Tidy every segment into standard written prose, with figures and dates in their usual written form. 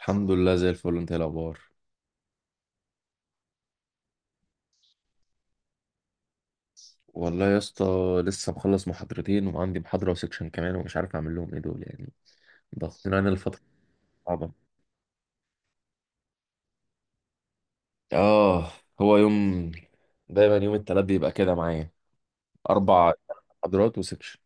الحمد لله زي الفل، انت ايه الاخبار؟ والله يا اسطى، لسه مخلص محاضرتين وعندي محاضرة وسكشن كمان، ومش عارف اعمل لهم ايه دول يعني. ضاغطين علينا الفترة صعبة. اه، هو يوم، دايما يوم التلات بيبقى كده معايا. اربع محاضرات وسكشن.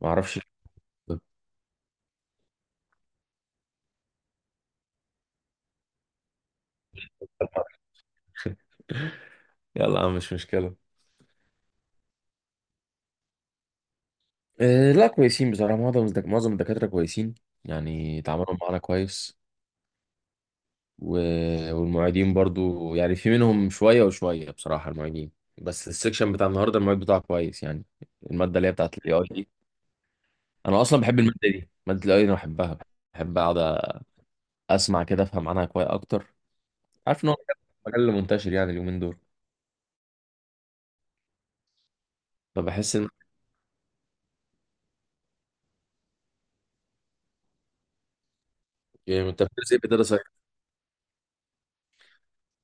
ما اعرفش ليه. يلا يا عم مش مشكلة. اه لا كويسين بصراحة، معظم الدكاترة كويسين، يعني تعاملوا معانا كويس. و- والمعيدين برضو، يعني في منهم شوية وشوية بصراحة المعيدين. بس السكشن بتاع النهاردة المعيد بتاعه كويس يعني، المادة اللي هي بتاعت الاي اي دي. انا اصلا بحب المادة دي، مادة الاي اي انا بحبها. بحب اقعد اسمع كده افهم عنها كويس اكتر. عارف ان هو مجال منتشر يعني اليومين دول. فبحس ان، يعني انت بتدرس ايه؟ بتدرس إيه؟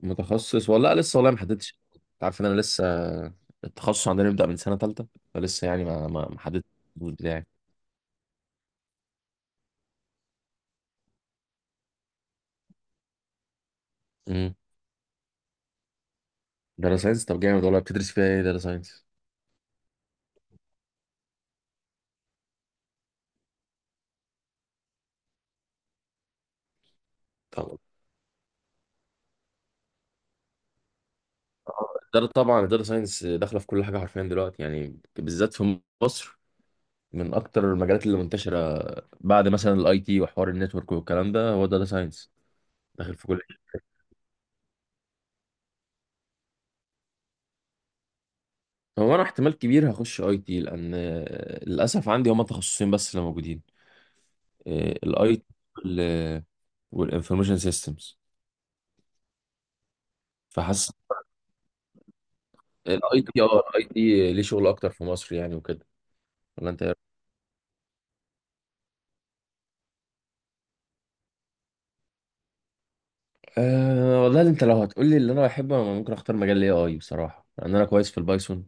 متخصص ولا لأ؟ لسه والله ما حددتش، انت عارف ان انا لسه. التخصص عندنا يبدأ من سنة تالتة، فلسه يعني ما حددتش الجزء بتاعي. امم. داتا ساينس طب جامد والله، بتدرس فيها ايه داتا ساينس؟ الإدارة طبعا، الإدارة ساينس داخلة في كل حاجة حرفيا دلوقتي، يعني بالذات في مصر. من أكتر المجالات اللي منتشرة بعد مثلا الأي تي وحوار النتورك والكلام ده، هو داتا ساينس داخل في كل حاجة. هو أنا احتمال كبير هخش أي تي، لأن آه، للأسف عندي هما تخصصين بس اللي موجودين: الأي تي والإنفورميشن سيستمز. فحاسس الأي تي، أه الأي تي ليه شغل أكتر في مصر يعني وكده، ولا أنت إيه رأيك؟ أه والله، انت لو هتقولي اللي انا بحبه، انا ممكن اختار مجال الاي اي بصراحه، لان انا كويس في البايثون.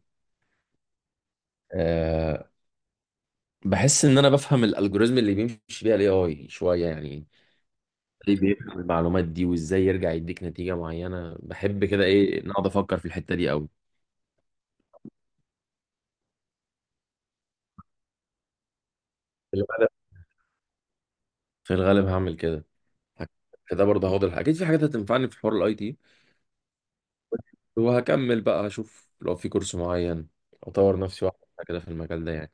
أه، بحس ان انا بفهم الالجوريزم اللي بيمشي بيها الاي اي شويه يعني، ليه بيفهم المعلومات دي وازاي يرجع يديك نتيجه معينه. بحب كده، ايه، نقعد افكر في الحته دي قوي. في الغالب، في الغالب هعمل كده. كده برضه هاخد اكيد في حاجات هتنفعني في حوار الاي تي، وهكمل بقى اشوف لو في كورس معين اطور نفسي واحده كده في المجال ده يعني.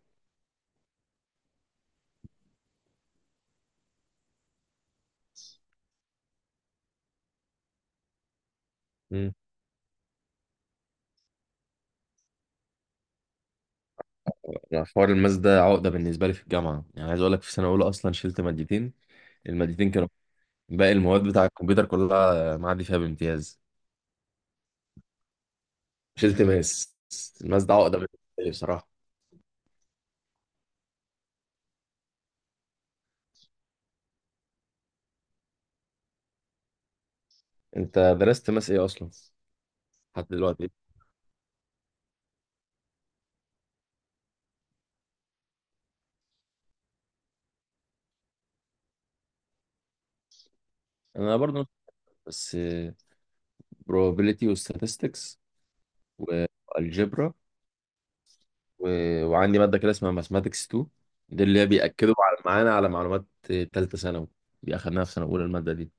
مم. يعني حوار الماس ده عقده بالنسبه لي في الجامعه، يعني عايز اقول لك في سنه اولى اصلا شلت مادتين. المادتين كانوا، باقي المواد بتاع الكمبيوتر كلها معدي فيها بامتياز. مش التماس، الماس ده عقدة بالنسبة لي بصراحة. انت درست ماس ايه اصلا لحد دلوقتي؟ انا برضو بس probability و statistics والجبرا و... وعندي مادة كده اسمها mathematics 2، دي اللي هي بيأكدوا على معانا على معلومات تالتة ثانوي. دي اخدناها في سنة اولى، المادة دي.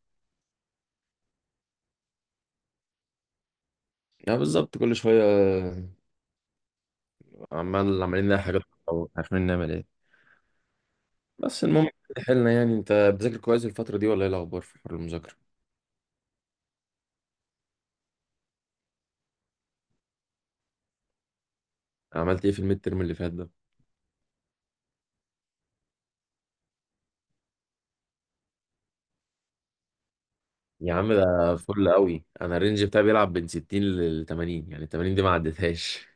يعني بالظبط كل شوية، عمال عمالين نلاقي حاجات او عارفين نعمل ايه. بس المهم، حلنا، يعني انت بتذاكر كويس الفترة دي ولا ايه الاخبار في حوار المذاكرة؟ عملت ايه في الميد ترم اللي فات ده؟ يا عم ده فل قوي، انا الرينج بتاعي بيلعب بين 60 ل 80، يعني 80 دي ما عدتهاش.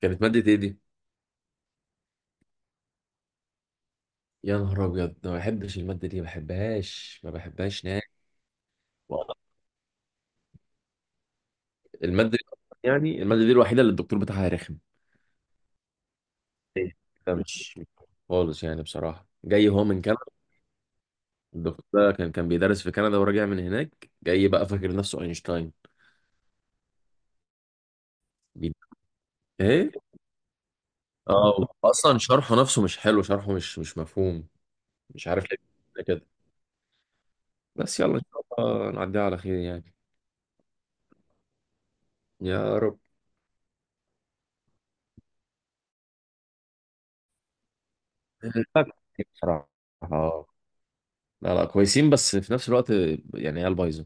كانت مادة ايه دي؟ يا نهار ابيض، ما بحبش المادة دي، ما بحبهاش ما بحبهاش نهائي، المادة دي. يعني المادة دي الوحيدة اللي الدكتور بتاعها رخم. إيه؟ ده مش خالص يعني بصراحة، جاي هو من كندا. الدكتور ده كان بيدرس في كندا وراجع من هناك، جاي بقى فاكر نفسه اينشتاين. بي-، ايه، اه اصلا شرحه نفسه مش حلو، شرحه مش مفهوم. مش عارف ليه، بس يلا ان شاء الله نعديها على خير يعني. يا رب. الفرق كتير بصراحة. اه لا لا كويسين، بس في نفس الوقت يعني عيال بايظه.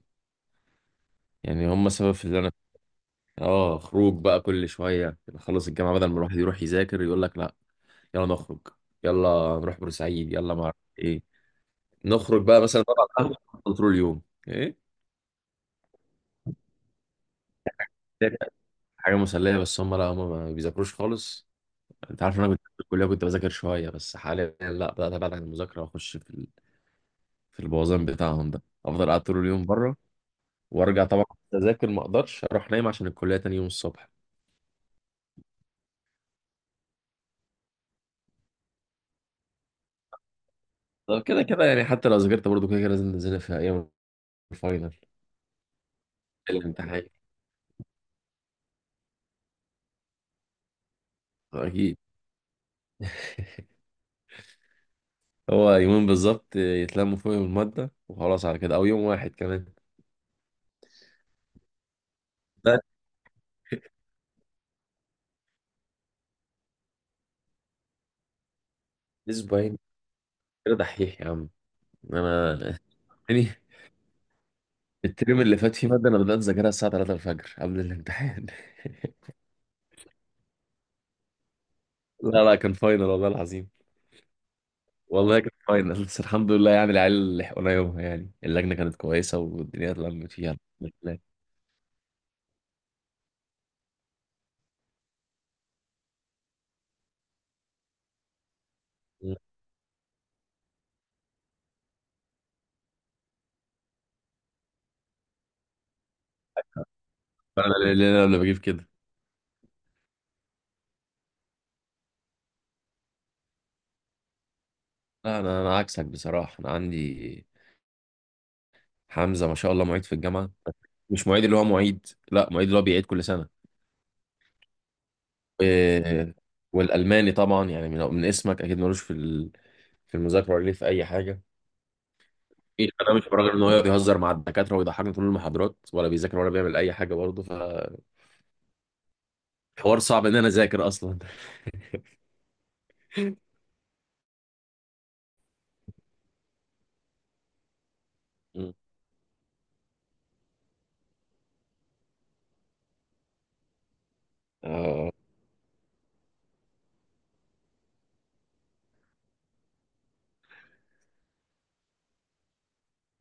يعني هم سبب في اللي انا، اه، خروج بقى كل شويه، نخلص الجامعه بدل ما الواحد يروح يذاكر يقول لك لا، يلا نخرج، يلا نروح بورسعيد، يلا ما اعرف ايه، نخرج بقى مثلا نقعد على القهوه طول اليوم. ايه ده، حاجه مسليه، بس هم لا هم ما بيذاكروش خالص. انت عارف إن انا كنت في الكليه كنت بذاكر شويه، بس حاليا لا، بدات ابعد عن المذاكره واخش في في البوظان بتاعهم ده، افضل قاعد طول اليوم بره وارجع طبعا اذاكر، ما اقدرش اروح نايم عشان الكليه تاني يوم الصبح. طب كده كده يعني، حتى لو ذاكرت برضه كده كده لازم تذاكر في ايام الفاينل، الامتحان. اكيد. هو يومين بالظبط يتلموا فيهم الماده وخلاص على كده، او يوم واحد كمان. ده اسبوعين كده دحيح يا عم. انا يعني الترم اللي فات فيه ماده انا بدات اذاكرها الساعه 3 الفجر قبل الامتحان. لا لا كان فاينل والله العظيم. والله كانت فاينل، بس الحمد لله يعني العيال لحقونا يومها، يعني اللجنه كانت كويسه والدنيا اتلمت فيها. الحمد لله. فانا اللي انا بجيب كده لا، انا عكسك بصراحه. انا عندي حمزه، ما شاء الله معيد في الجامعه، مش معيد اللي هو معيد، لا معيد اللي هو بيعيد كل سنه. و- والالماني طبعا يعني، من اسمك اكيد ملوش في في المذاكره ولا ليه في اي حاجه. إيه، انا مش براجل ان هو يقعد يهزر مع الدكاتره ويضحكنا طول المحاضرات، ولا بيذاكر ولا بيعمل اي حاجه برضه. فحوار صعب ان انا اذاكر اصلا. اه،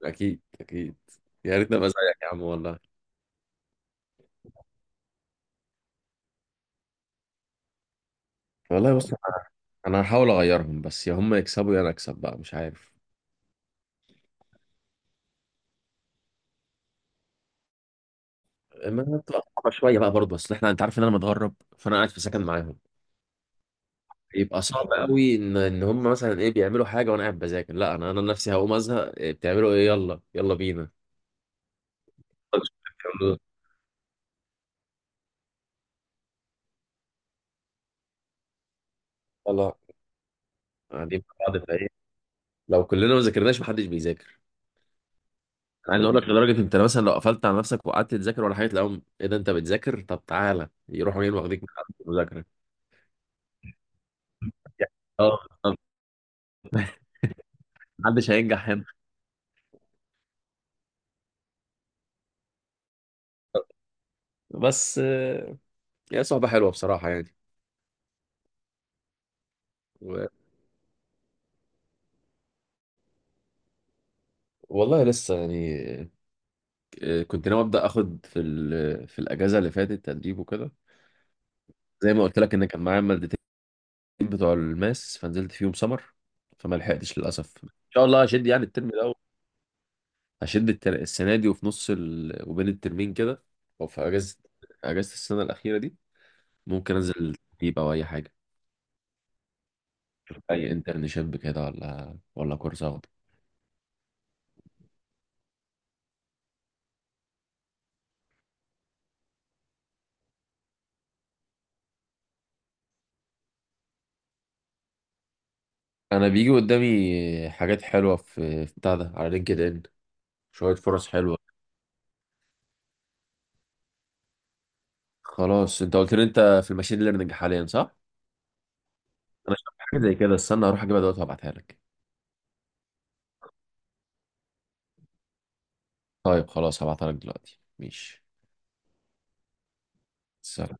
اكيد اكيد. يا ريتني ابقى زيك يا عم والله. والله بص، انا هحاول اغيرهم، بس يا هم يكسبوا يا انا اكسب بقى، مش عارف. ما بتبقى صعبه شويه بقى برضه، بس احنا انت عارف ان انا متغرب، فانا قاعد في سكن معاهم. يبقى صعب قوي ان هم مثلا ايه بيعملوا حاجه وانا قاعد بذاكر لا، انا نفسي هقوم ازهق، إيه بتعملوا، ايه يلا يلا بينا. يلا قاعدين مع بعض فايه، لو كلنا ما ذاكرناش محدش بيذاكر. انا عايز اقول لك لدرجه، انت مثلا لو قفلت على نفسك وقعدت تذاكر ولا حاجه، تلاقيهم ايه ده انت بتذاكر؟ طب تعالى، يروحوا جايين واخدينك من عند المذاكره يعني. اه. آه، محدش هينجح هنا. بس آه، هي صعبة حلوة بصراحة يعني. و- والله لسه يعني، آه، كنت ناوي أبدأ أخد في في الأجازة اللي فاتت تدريب وكده، زي ما قلت لك إن كان معايا مادتين بتوع الماس فنزلت فيهم سمر. فما لحقتش للأسف، إن شاء الله هشد يعني الترم ده، هشد السنة دي وفي نص ال... وبين الترمين كده، أو في أجازة، أجازة السنة الأخيرة دي ممكن أنزل تدريب أو أي حاجة، أي انترنشيب كده ولا كورس أخده. انا بيجي قدامي حاجات حلوه في بتاع ده على لينكد ان، شويه فرص حلوه. خلاص انت قلت لي انت في الماشين ليرنينج حاليا صح؟ انا شفت حاجه زي كده، استنى هروح اجيبها دلوقتي وابعتها لك. طيب خلاص هبعتها لك دلوقتي، ماشي. سلام